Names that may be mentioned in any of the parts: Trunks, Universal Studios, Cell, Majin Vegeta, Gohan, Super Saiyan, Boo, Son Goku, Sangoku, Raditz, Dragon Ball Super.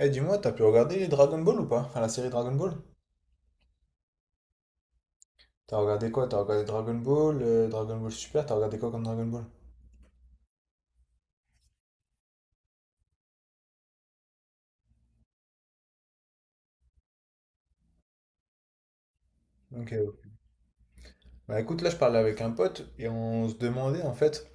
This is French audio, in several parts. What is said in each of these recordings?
Eh dis-moi, t'as pu regarder les Dragon Ball ou pas? Enfin la série Dragon Ball? T'as regardé quoi? T'as regardé Dragon Ball, Dragon Ball Super, t'as regardé quoi comme Dragon Ball? Ok, ouais. Bah écoute, là je parlais avec un pote et on se demandait en fait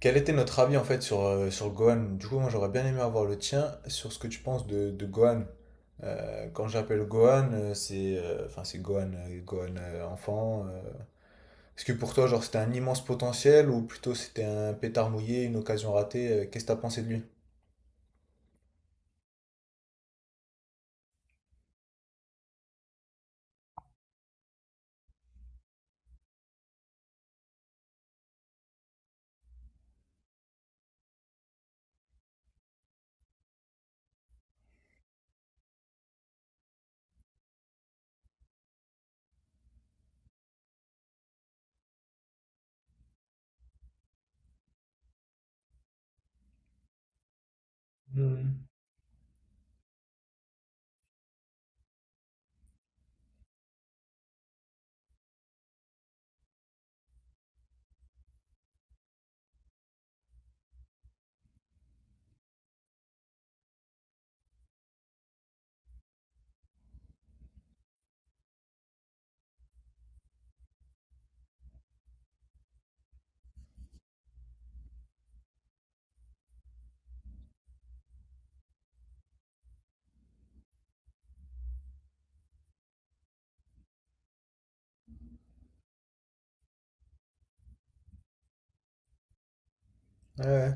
quel était notre avis en fait sur, sur Gohan. Du coup moi j'aurais bien aimé avoir le tien sur ce que tu penses de, Gohan. Quand j'appelle Gohan, c'est enfin c'est Gohan, Gohan enfant. Est-ce que pour toi genre c'était un immense potentiel ou plutôt c'était un pétard mouillé, une occasion ratée? Qu'est-ce que t'as pensé de lui? Hmm. Ouais, ouais.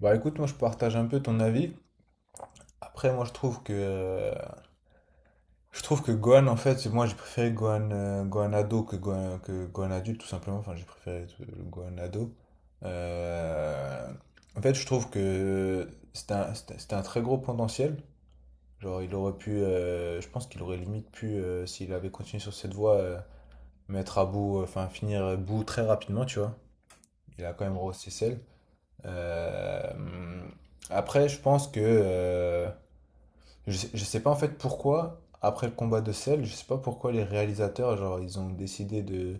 Bah écoute, moi je partage un peu ton avis. Après, moi je trouve que Gohan, en fait, moi j'ai préféré Gohan, Gohan ado que Gohan adulte, tout simplement. Enfin, j'ai préféré le Gohan ado. Euh, en fait, je trouve que c'était un, c'était un très gros potentiel. Genre, il aurait pu, je pense qu'il aurait limite pu, s'il avait continué sur cette voie, mettre à bout, enfin finir à bout très rapidement, tu vois. Il a quand même rehaussé celle. Euh, après, je pense que je sais, je sais pas en fait pourquoi, après le combat de Cell, je sais pas pourquoi les réalisateurs, genre, ils ont décidé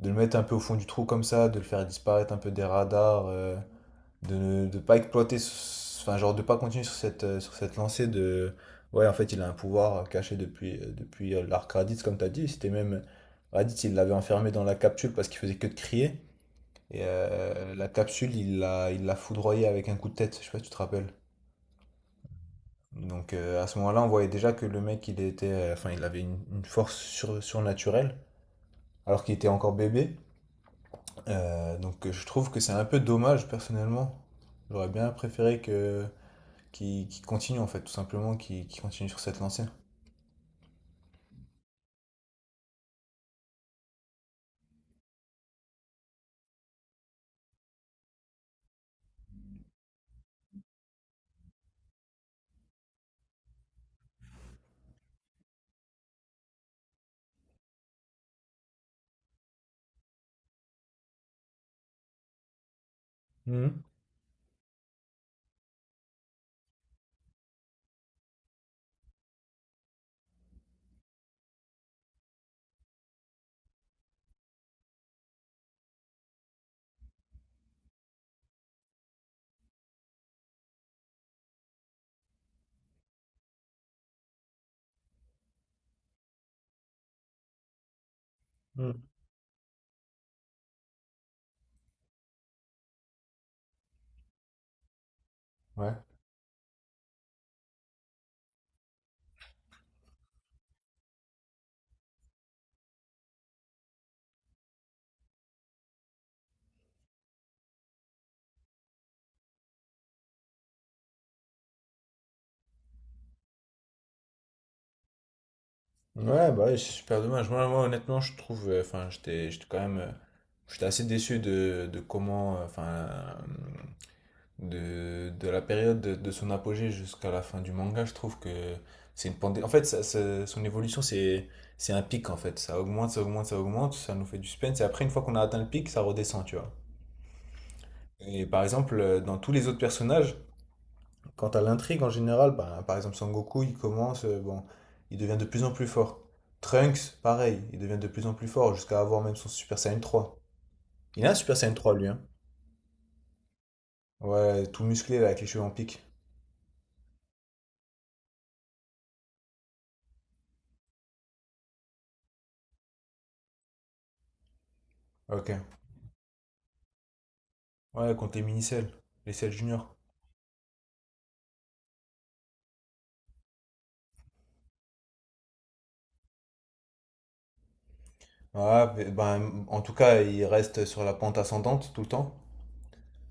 de le mettre un peu au fond du trou comme ça, de le faire disparaître un peu des radars, de ne de pas exploiter, enfin, genre, de pas continuer sur cette lancée de. Ouais, en fait, il a un pouvoir caché depuis, depuis l'arc Raditz, comme t'as dit. C'était même. Raditz, il l'avait enfermé dans la capsule parce qu'il faisait que de crier. Et la capsule, il l'a foudroyé avec un coup de tête. Je sais pas si tu te rappelles. Donc à ce moment-là, on voyait déjà que le mec, il était, enfin, il avait une force surnaturelle, alors qu'il était encore bébé. Donc je trouve que c'est un peu dommage personnellement. J'aurais bien préféré que qu'il continue en fait, tout simplement, qu'il continue sur cette lancée. Mhm. Mhm. Ouais. Ouais, bah ouais, c'est super dommage. Moi, moi, honnêtement, je trouve, enfin, j'étais, j'étais quand même, j'étais assez déçu de comment, enfin, de la période de son apogée jusqu'à la fin du manga, je trouve que c'est une pandémie. En fait, son évolution, c'est un pic, en fait. Ça augmente, ça augmente, ça augmente, ça nous fait du suspense. Et après, une fois qu'on a atteint le pic, ça redescend, tu vois. Et par exemple, dans tous les autres personnages, quant à l'intrigue en général, ben, par exemple, Sangoku, il commence, bon, il devient de plus en plus fort. Trunks, pareil, il devient de plus en plus fort jusqu'à avoir même son Super Saiyan trois. Il a un Super Saiyan 3 lui, hein. Ouais, tout musclé, là, avec les cheveux en pique. Ok. Ouais, contre les mini-selles, les selles juniors. Ouais, mais, ben, en tout cas, il reste sur la pente ascendante tout le temps.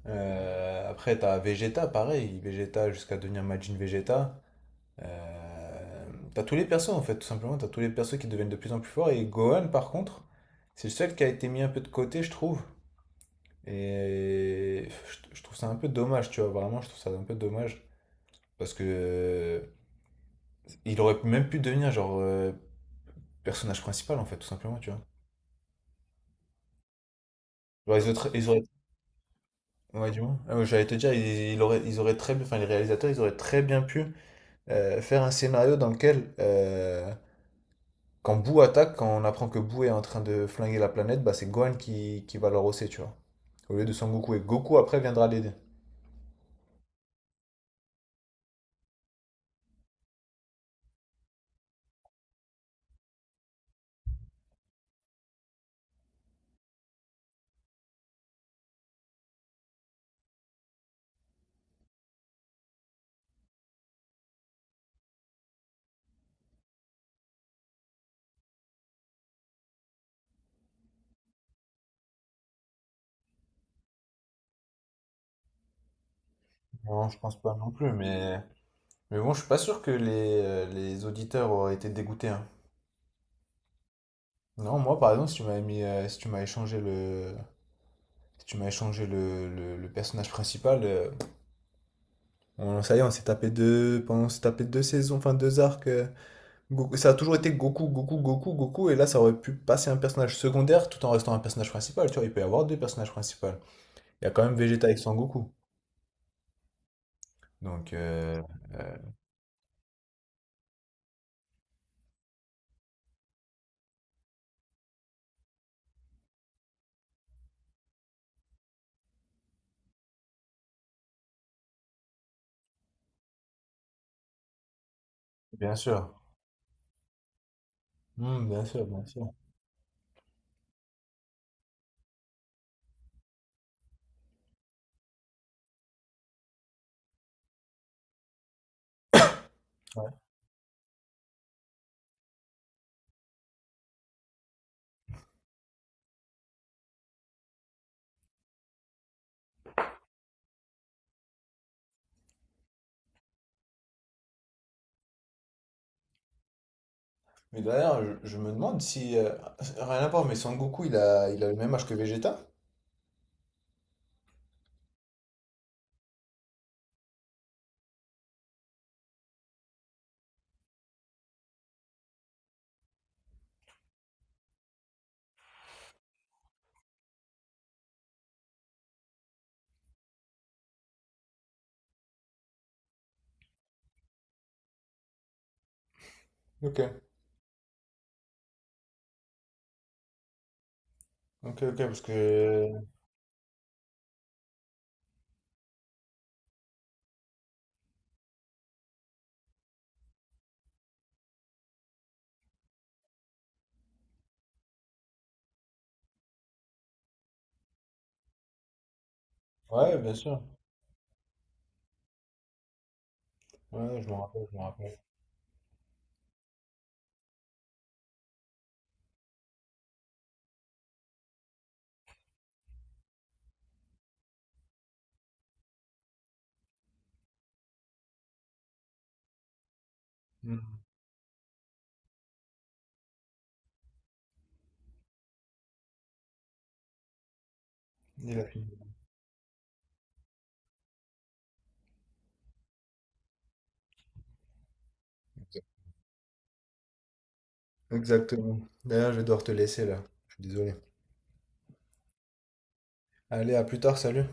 Après, t'as Vegeta, pareil, Vegeta jusqu'à devenir Majin Vegeta. Euh, t'as tous les persos en fait, tout simplement. T'as tous les persos qui deviennent de plus en plus forts. Et Gohan, par contre, c'est le seul qui a été mis un peu de côté, je trouve. Et je trouve ça un peu dommage, tu vois. Vraiment, je trouve ça un peu dommage. Parce que il aurait même pu devenir genre personnage principal en fait, tout simplement, tu vois. Genre, ils auraient... Ouais, du moins. Ah, ouais, j'allais te dire, ils auraient, enfin, les réalisateurs, ils auraient très bien pu faire un scénario dans lequel, quand Boo attaque, quand on apprend que Boo est en train de flinguer la planète, bah, c'est Gohan qui va le rosser, tu vois. Au lieu de Son Goku. Et Goku, après, viendra l'aider. Non, je pense pas non plus, mais... Mais bon, je suis pas sûr que les auditeurs auraient été dégoûtés, hein. Non, moi, par exemple, si tu m'avais mis, si tu m'as échangé le... Si tu m'as échangé le, le personnage principal, on, ça y est, on s'est tapé deux saisons, enfin deux arcs, ça a toujours été Goku, Goku, Goku, Goku, et là ça aurait pu passer un personnage secondaire tout en restant un personnage principal, tu vois, il peut y avoir deux personnages principaux. Il y a quand même Vegeta avec son Goku. Donc, euh, bien sûr. Hmm, bien sûr, bien sûr. Ouais. Mais d'ailleurs, je me demande si... rien à voir, mais Son Goku, il a le même âge que Vegeta? Ok, ok, parce que... Ouais, bien sûr. Ouais, je m'en rappelle, je m'en rappelle. Hmm. Il a fini. Exactement. D'ailleurs, je vais devoir te laisser là. Je suis désolé. Allez, à plus tard, salut.